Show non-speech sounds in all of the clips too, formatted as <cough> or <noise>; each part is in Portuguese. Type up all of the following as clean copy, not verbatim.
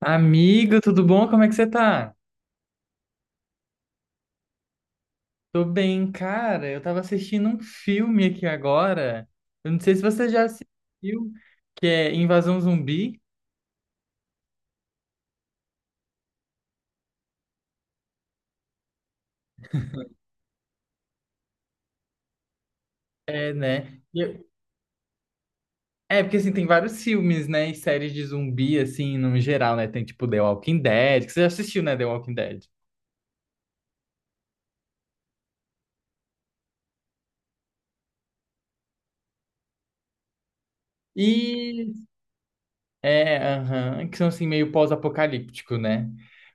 Amigo, tudo bom? Como é que você tá? Tô bem, cara. Eu tava assistindo um filme aqui agora. Eu não sei se você já assistiu, que é Invasão Zumbi. É, né? É, porque assim, tem vários filmes, né? E séries de zumbi, assim, no geral, né? Tem tipo The Walking Dead, que você já assistiu, né? The Walking Dead. E. É, aham, que são assim, meio pós-apocalíptico, né?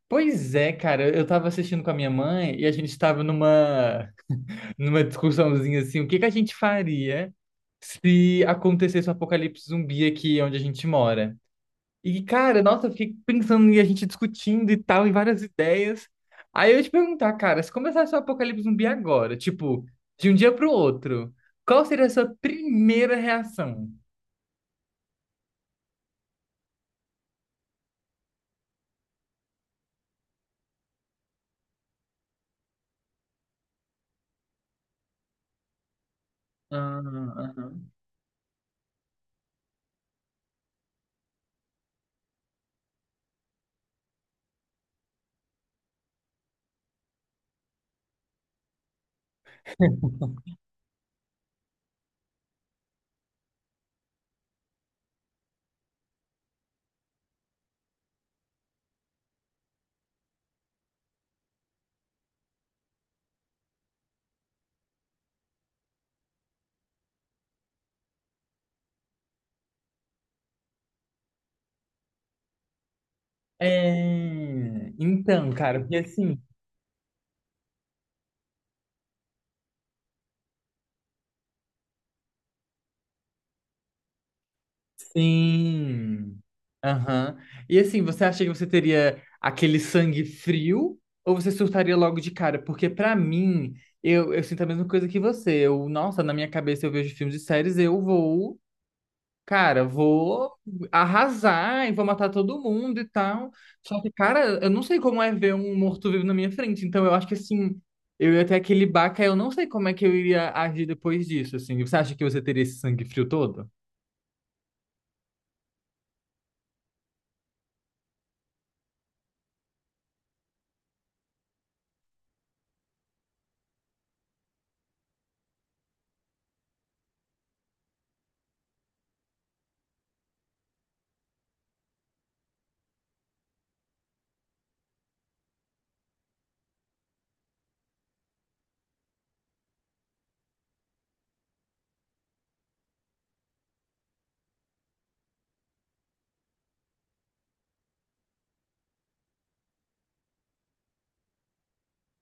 Pois é, cara, eu tava assistindo com a minha mãe e a gente tava <laughs> numa discussãozinha assim, o que que a gente faria se acontecesse um apocalipse zumbi aqui onde a gente mora. E, cara, nossa, eu fiquei pensando e a gente discutindo e tal, e várias ideias. Aí eu ia te perguntar, cara, se começasse um apocalipse zumbi agora, tipo, de um dia pro outro, qual seria a sua primeira reação? Ah, aham. <laughs> É. Então, cara, porque assim. Sim. Aham. E assim, você acha que você teria aquele sangue frio ou você surtaria logo de cara? Porque pra mim, eu sinto a mesma coisa que você. Eu, nossa, na minha cabeça eu vejo filmes e séries, eu vou, cara, vou arrasar e vou matar todo mundo e tal. Só que, cara, eu não sei como é ver um morto-vivo na minha frente. Então eu acho que assim, eu ia ter aquele baque, aí eu não sei como é que eu iria agir depois disso, assim. Você acha que você teria esse sangue frio todo?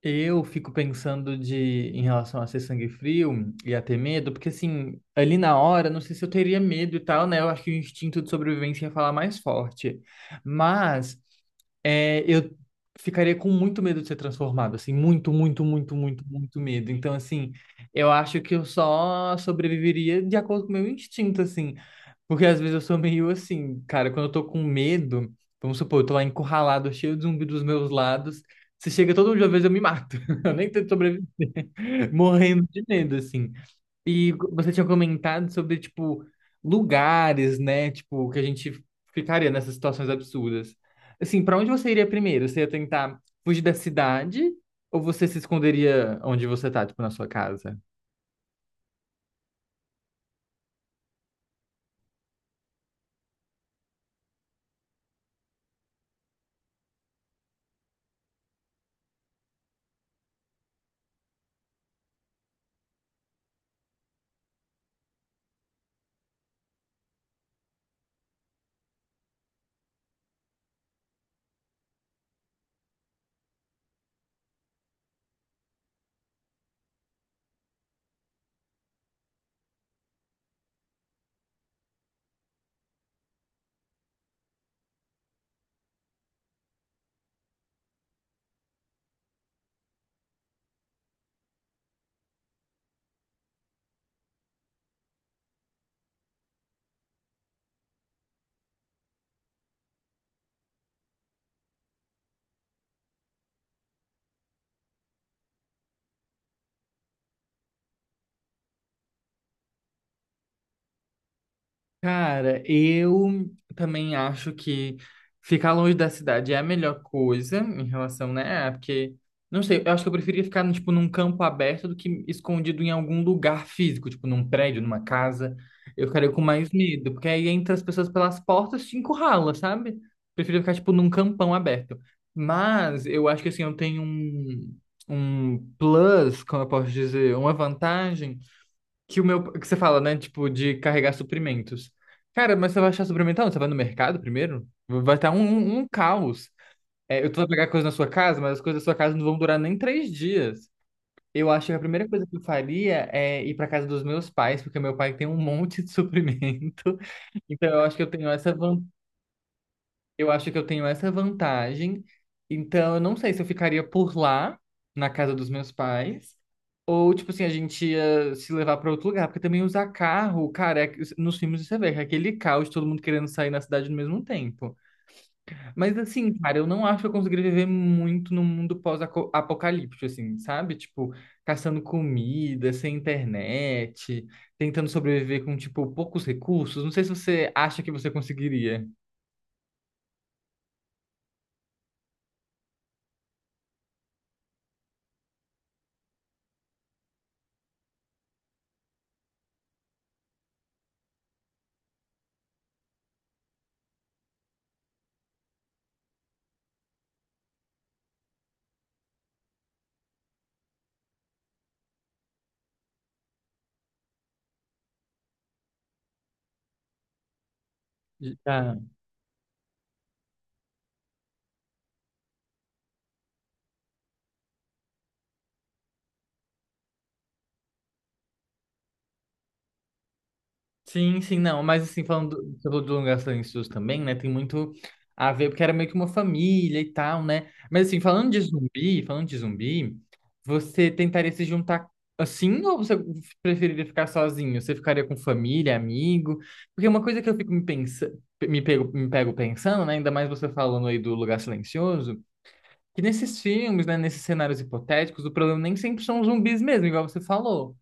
Eu fico pensando de em relação a ser sangue frio e a ter medo, porque assim, ali na hora, não sei se eu teria medo e tal, né? Eu acho que o instinto de sobrevivência ia falar mais forte. Mas é, eu ficaria com muito medo de ser transformado, assim, muito, muito, muito, muito, muito medo. Então, assim, eu acho que eu só sobreviveria de acordo com o meu instinto, assim. Porque às vezes eu sou meio assim, cara, quando eu tô com medo, vamos supor, eu tô lá encurralado, cheio de zumbi dos meus lados. Se chega todo mundo de uma vez, eu me mato. <laughs> Eu nem tento sobreviver. Morrendo de medo, assim. E você tinha comentado sobre, tipo, lugares, né? Tipo, que a gente ficaria nessas situações absurdas. Assim, pra onde você iria primeiro? Você ia tentar fugir da cidade? Ou você se esconderia onde você tá, tipo, na sua casa? Cara, eu também acho que ficar longe da cidade é a melhor coisa em relação, né? Ah, porque, não sei, eu acho que eu preferia ficar, tipo, num campo aberto do que escondido em algum lugar físico, tipo, num prédio, numa casa. Eu ficaria com mais medo, porque aí entra as pessoas pelas portas, te encurrala, sabe? Prefiro ficar, tipo, num campão aberto. Mas eu acho que, assim, eu tenho um plus, como eu posso dizer, uma vantagem que o meu. Que você fala, né? Tipo, de carregar suprimentos. Cara, mas você vai achar suprimento onde? Você vai no mercado primeiro? Vai estar um caos. É, eu tô vai pegar coisa na sua casa, mas as coisas da sua casa não vão durar nem três dias. Eu acho que a primeira coisa que eu faria é ir para casa dos meus pais, porque meu pai tem um monte de suprimento. <laughs> Então eu acho que eu tenho essa vantagem. Então, eu não sei se eu ficaria por lá, na casa dos meus pais, ou, tipo assim, a gente ia se levar para outro lugar. Porque também usar carro, cara, é- nos filmes você vê que é aquele caos, todo mundo querendo sair na cidade no mesmo tempo. Mas, assim, cara, eu não acho que eu conseguiria viver muito no mundo pós-apocalíptico, assim, sabe? Tipo, caçando comida, sem internet, tentando sobreviver com, tipo, poucos recursos. Não sei se você acha que você conseguiria. Já. Sim, sim, não, mas assim, falando do, você falou do Lugar dos Silencioso também, né, tem muito a ver, porque era meio que uma família e tal, né, mas assim, falando de zumbi, você tentaria se juntar assim, ou você preferiria ficar sozinho? Você ficaria com família, amigo? Porque uma coisa que eu fico me pensando, me pego pensando, né, ainda mais você falando aí do Lugar Silencioso, que nesses filmes, né, nesses cenários hipotéticos, o problema nem sempre são os zumbis mesmo, igual você falou,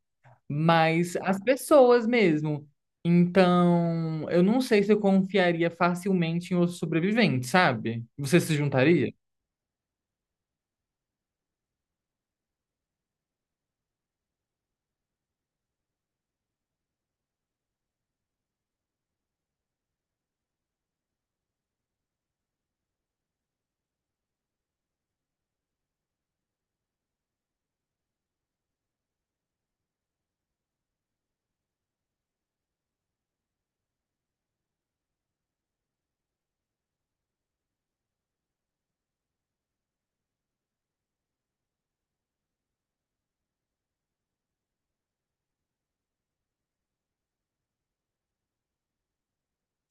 mas as pessoas mesmo. Então, eu não sei se eu confiaria facilmente em outro sobrevivente, sabe? Você se juntaria?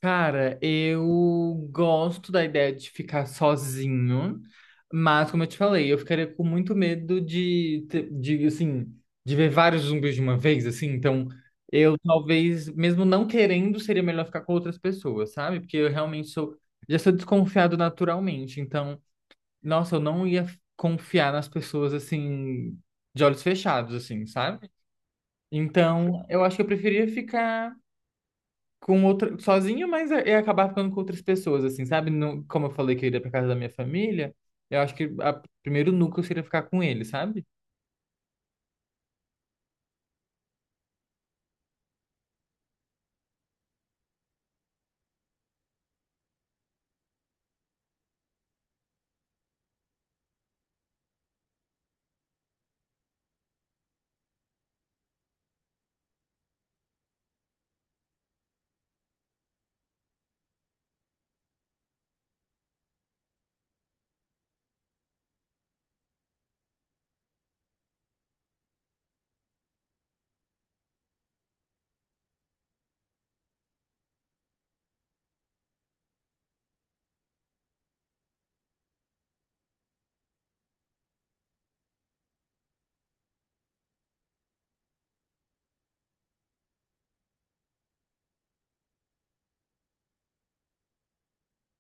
Cara, eu gosto da ideia de ficar sozinho, mas como eu te falei, eu ficaria com muito medo de, assim, de ver vários zumbis de uma vez, assim, então eu talvez, mesmo não querendo, seria melhor ficar com outras pessoas, sabe? Porque eu realmente sou, já sou desconfiado naturalmente, então nossa, eu não ia confiar nas pessoas assim, de olhos fechados, assim, sabe? Então, eu acho que eu preferia ficar com outra, sozinho, mas eu ia acabar ficando com outras pessoas, assim, sabe? Não, como eu falei que eu iria pra casa da minha família, eu acho que o primeiro núcleo seria ficar com ele, sabe?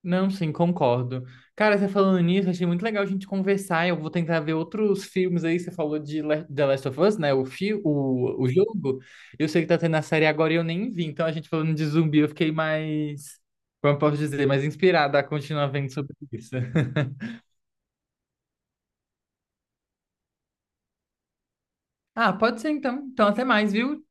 Não, sim, concordo. Cara, você falando nisso, achei muito legal a gente conversar. Eu vou tentar ver outros filmes aí. Você falou de The Last of Us, né? O jogo. Eu sei que tá tendo a série agora e eu nem vi. Então, a gente falando de zumbi, eu fiquei mais, como eu posso dizer, mais inspirada a continuar vendo sobre isso. <laughs> Ah, pode ser então. Então, até mais, viu?